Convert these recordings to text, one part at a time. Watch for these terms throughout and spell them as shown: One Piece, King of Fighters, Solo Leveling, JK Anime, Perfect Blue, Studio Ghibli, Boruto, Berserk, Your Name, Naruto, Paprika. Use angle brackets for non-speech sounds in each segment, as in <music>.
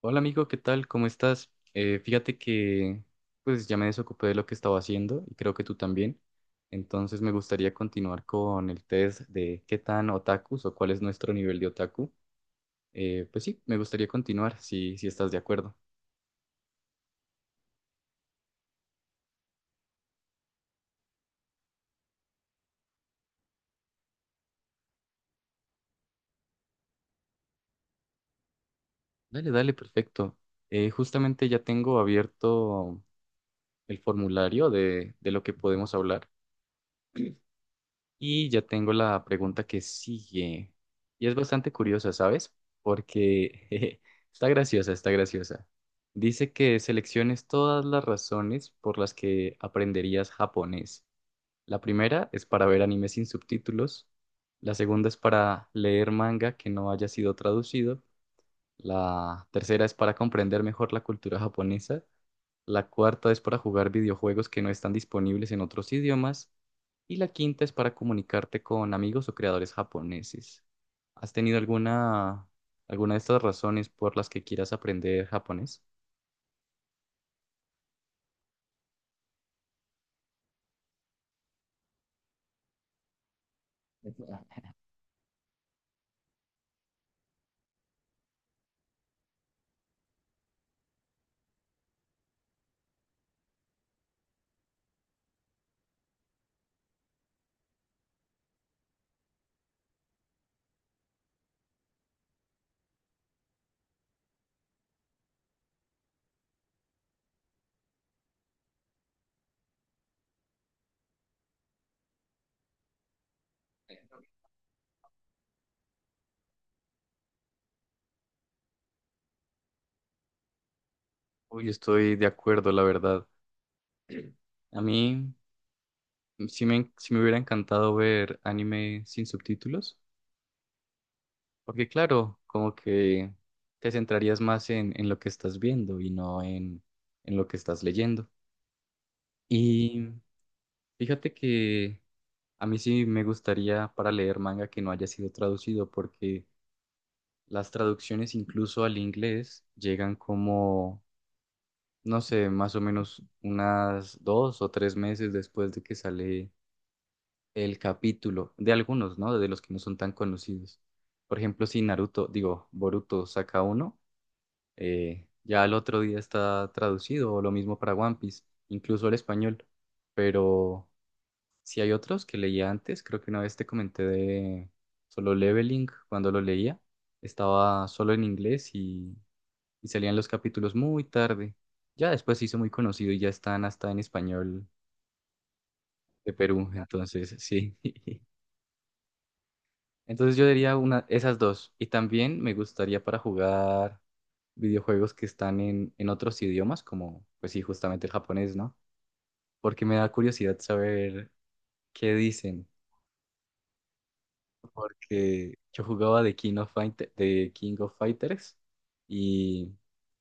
Hola amigo, ¿qué tal? ¿Cómo estás? Fíjate que pues ya me desocupé de lo que estaba haciendo y creo que tú también. Entonces me gustaría continuar con el test de qué tan otakus o cuál es nuestro nivel de otaku. Pues sí, me gustaría continuar si estás de acuerdo. Dale, dale, perfecto. Justamente ya tengo abierto el formulario de lo que podemos hablar. Y ya tengo la pregunta que sigue. Y es bastante curiosa, ¿sabes? Porque <laughs> jeje, está graciosa, está graciosa. Dice que selecciones todas las razones por las que aprenderías japonés. La primera es para ver anime sin subtítulos. La segunda es para leer manga que no haya sido traducido. La tercera es para comprender mejor la cultura japonesa. La cuarta es para jugar videojuegos que no están disponibles en otros idiomas. Y la quinta es para comunicarte con amigos o creadores japoneses. ¿Has tenido alguna, alguna de estas razones por las que quieras aprender japonés? Uy, estoy de acuerdo, la verdad. A mí sí me hubiera encantado ver anime sin subtítulos, porque claro, como que te centrarías más en lo que estás viendo y no en lo que estás leyendo. Y fíjate que a mí sí me gustaría para leer manga que no haya sido traducido, porque las traducciones incluso al inglés llegan como, no sé, más o menos unas dos o tres meses después de que sale el capítulo, de algunos, ¿no? De los que no son tan conocidos. Por ejemplo, si Naruto, digo, Boruto saca uno, ya al otro día está traducido, o lo mismo para One Piece, incluso al español. Pero si hay otros que leía antes, creo que una vez te comenté de Solo Leveling. Cuando lo leía estaba solo en inglés y salían los capítulos muy tarde. Ya después se hizo muy conocido y ya están hasta en español de Perú, entonces sí. <laughs> Entonces yo diría una, esas dos. Y también me gustaría para jugar videojuegos que están en otros idiomas, como pues sí, justamente el japonés, ¿no? Porque me da curiosidad saber qué dicen. Porque yo jugaba de King of Fighters y,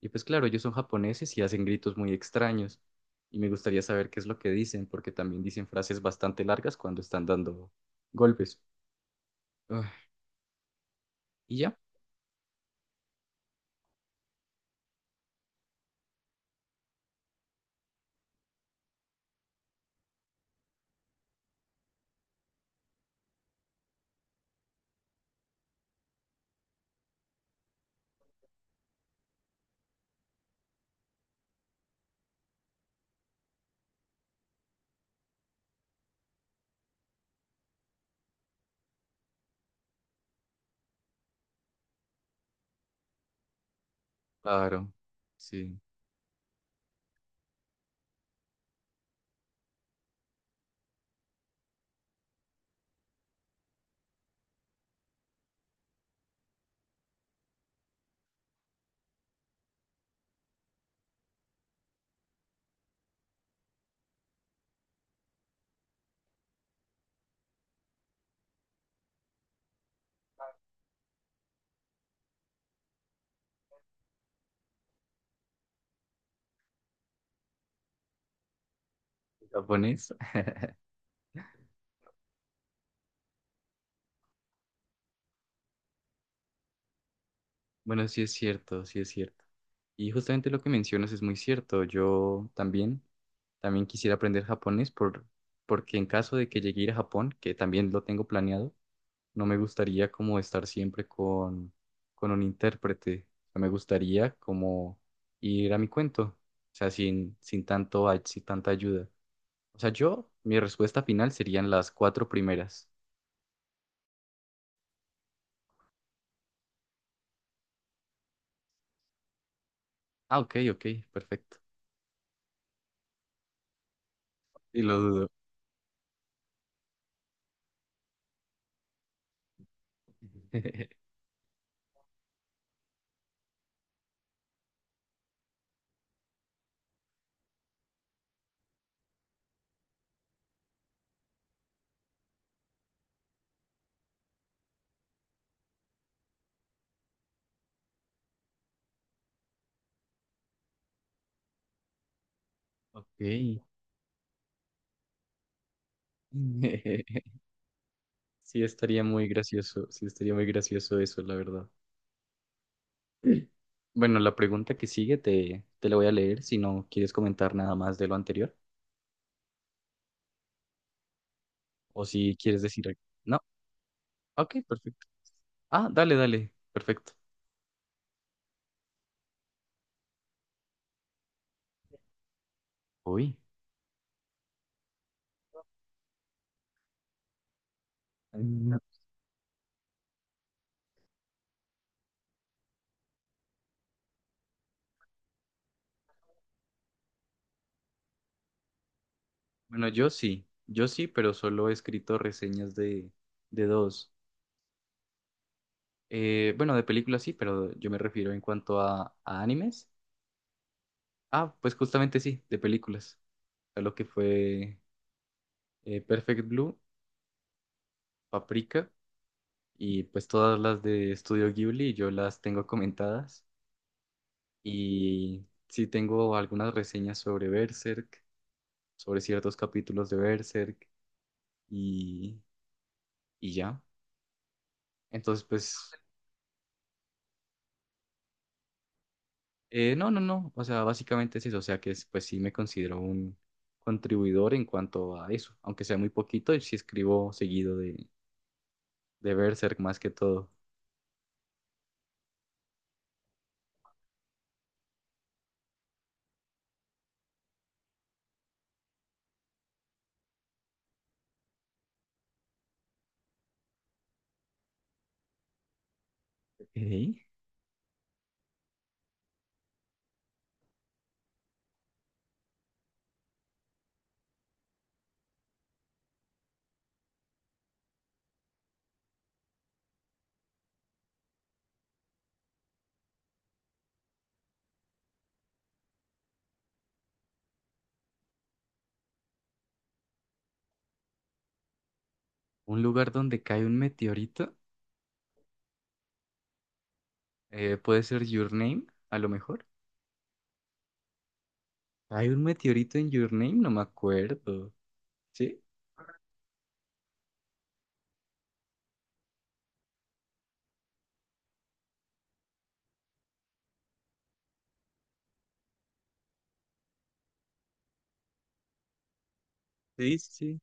y pues claro, ellos son japoneses y hacen gritos muy extraños y me gustaría saber qué es lo que dicen porque también dicen frases bastante largas cuando están dando golpes. Ah, y ya, claro, sí, japonés. <laughs> Bueno, sí es cierto, sí es cierto. Y justamente lo que mencionas es muy cierto. Yo también, también quisiera aprender japonés porque en caso de que llegue a ir a Japón, que también lo tengo planeado, no me gustaría como estar siempre con un intérprete. O sea, me gustaría como ir a mi cuento, o sea, sin tanto, sin tanta ayuda. O sea, yo, mi respuesta final serían las cuatro primeras. Ah, ok, ok, perfecto. Y lo dudo. <laughs> Ok. <laughs> Sí, estaría muy gracioso, sí, estaría muy gracioso eso, la verdad. <clears throat> Bueno, la pregunta que sigue te la voy a leer si no quieres comentar nada más de lo anterior o si quieres decir algo. No, ok, perfecto. Ah, dale, dale. Perfecto. Uy. Mm. Bueno, yo sí, pero solo he escrito reseñas de dos. Bueno, de películas sí, pero yo me refiero en cuanto a animes. Ah, pues justamente sí, de películas. A lo que fue Perfect Blue, Paprika y pues todas las de Studio Ghibli, yo las tengo comentadas. Y sí tengo algunas reseñas sobre Berserk, sobre ciertos capítulos de Berserk y, y ya. Entonces, pues, no, o sea, básicamente es eso, o sea pues sí me considero un contribuidor en cuanto a eso, aunque sea muy poquito y sí escribo seguido de Berserk más que todo. Ok. Un lugar donde cae un meteorito, puede ser Your Name, a lo mejor. ¿Hay un meteorito en Your Name? No me acuerdo. ¿Sí? Sí, sí,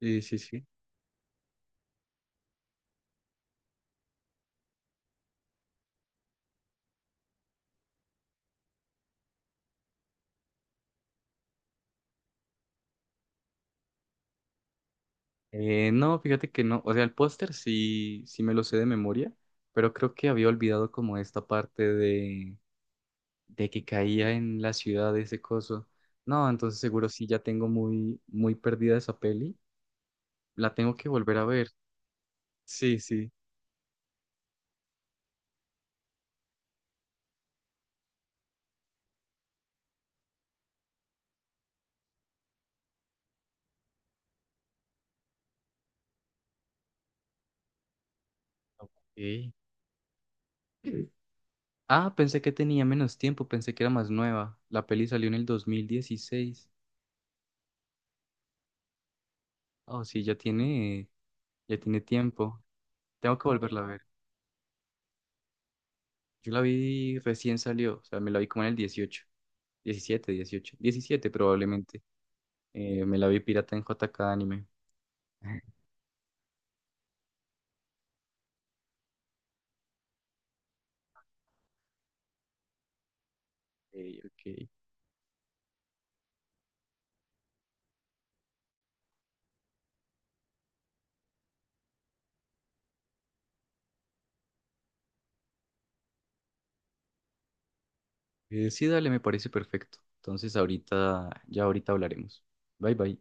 sí, sí, sí. No, fíjate que no, o sea, el póster sí, sí me lo sé de memoria, pero creo que había olvidado como esta parte de que caía en la ciudad de ese coso. No, entonces seguro sí ya tengo muy, muy perdida esa peli. La tengo que volver a ver. Sí, sí. Ok. Ah, pensé que tenía menos tiempo, pensé que era más nueva. La peli salió en el 2016. Oh, sí, ya tiene tiempo. Tengo que volverla a ver. Yo la vi recién salió, o sea, me la vi como en el 18, 17, 18, 17 probablemente. Me la vi pirata en JK Anime. <laughs> Ok, ok. Sí, dale, me parece perfecto. Entonces ahorita, ya ahorita hablaremos. Bye bye.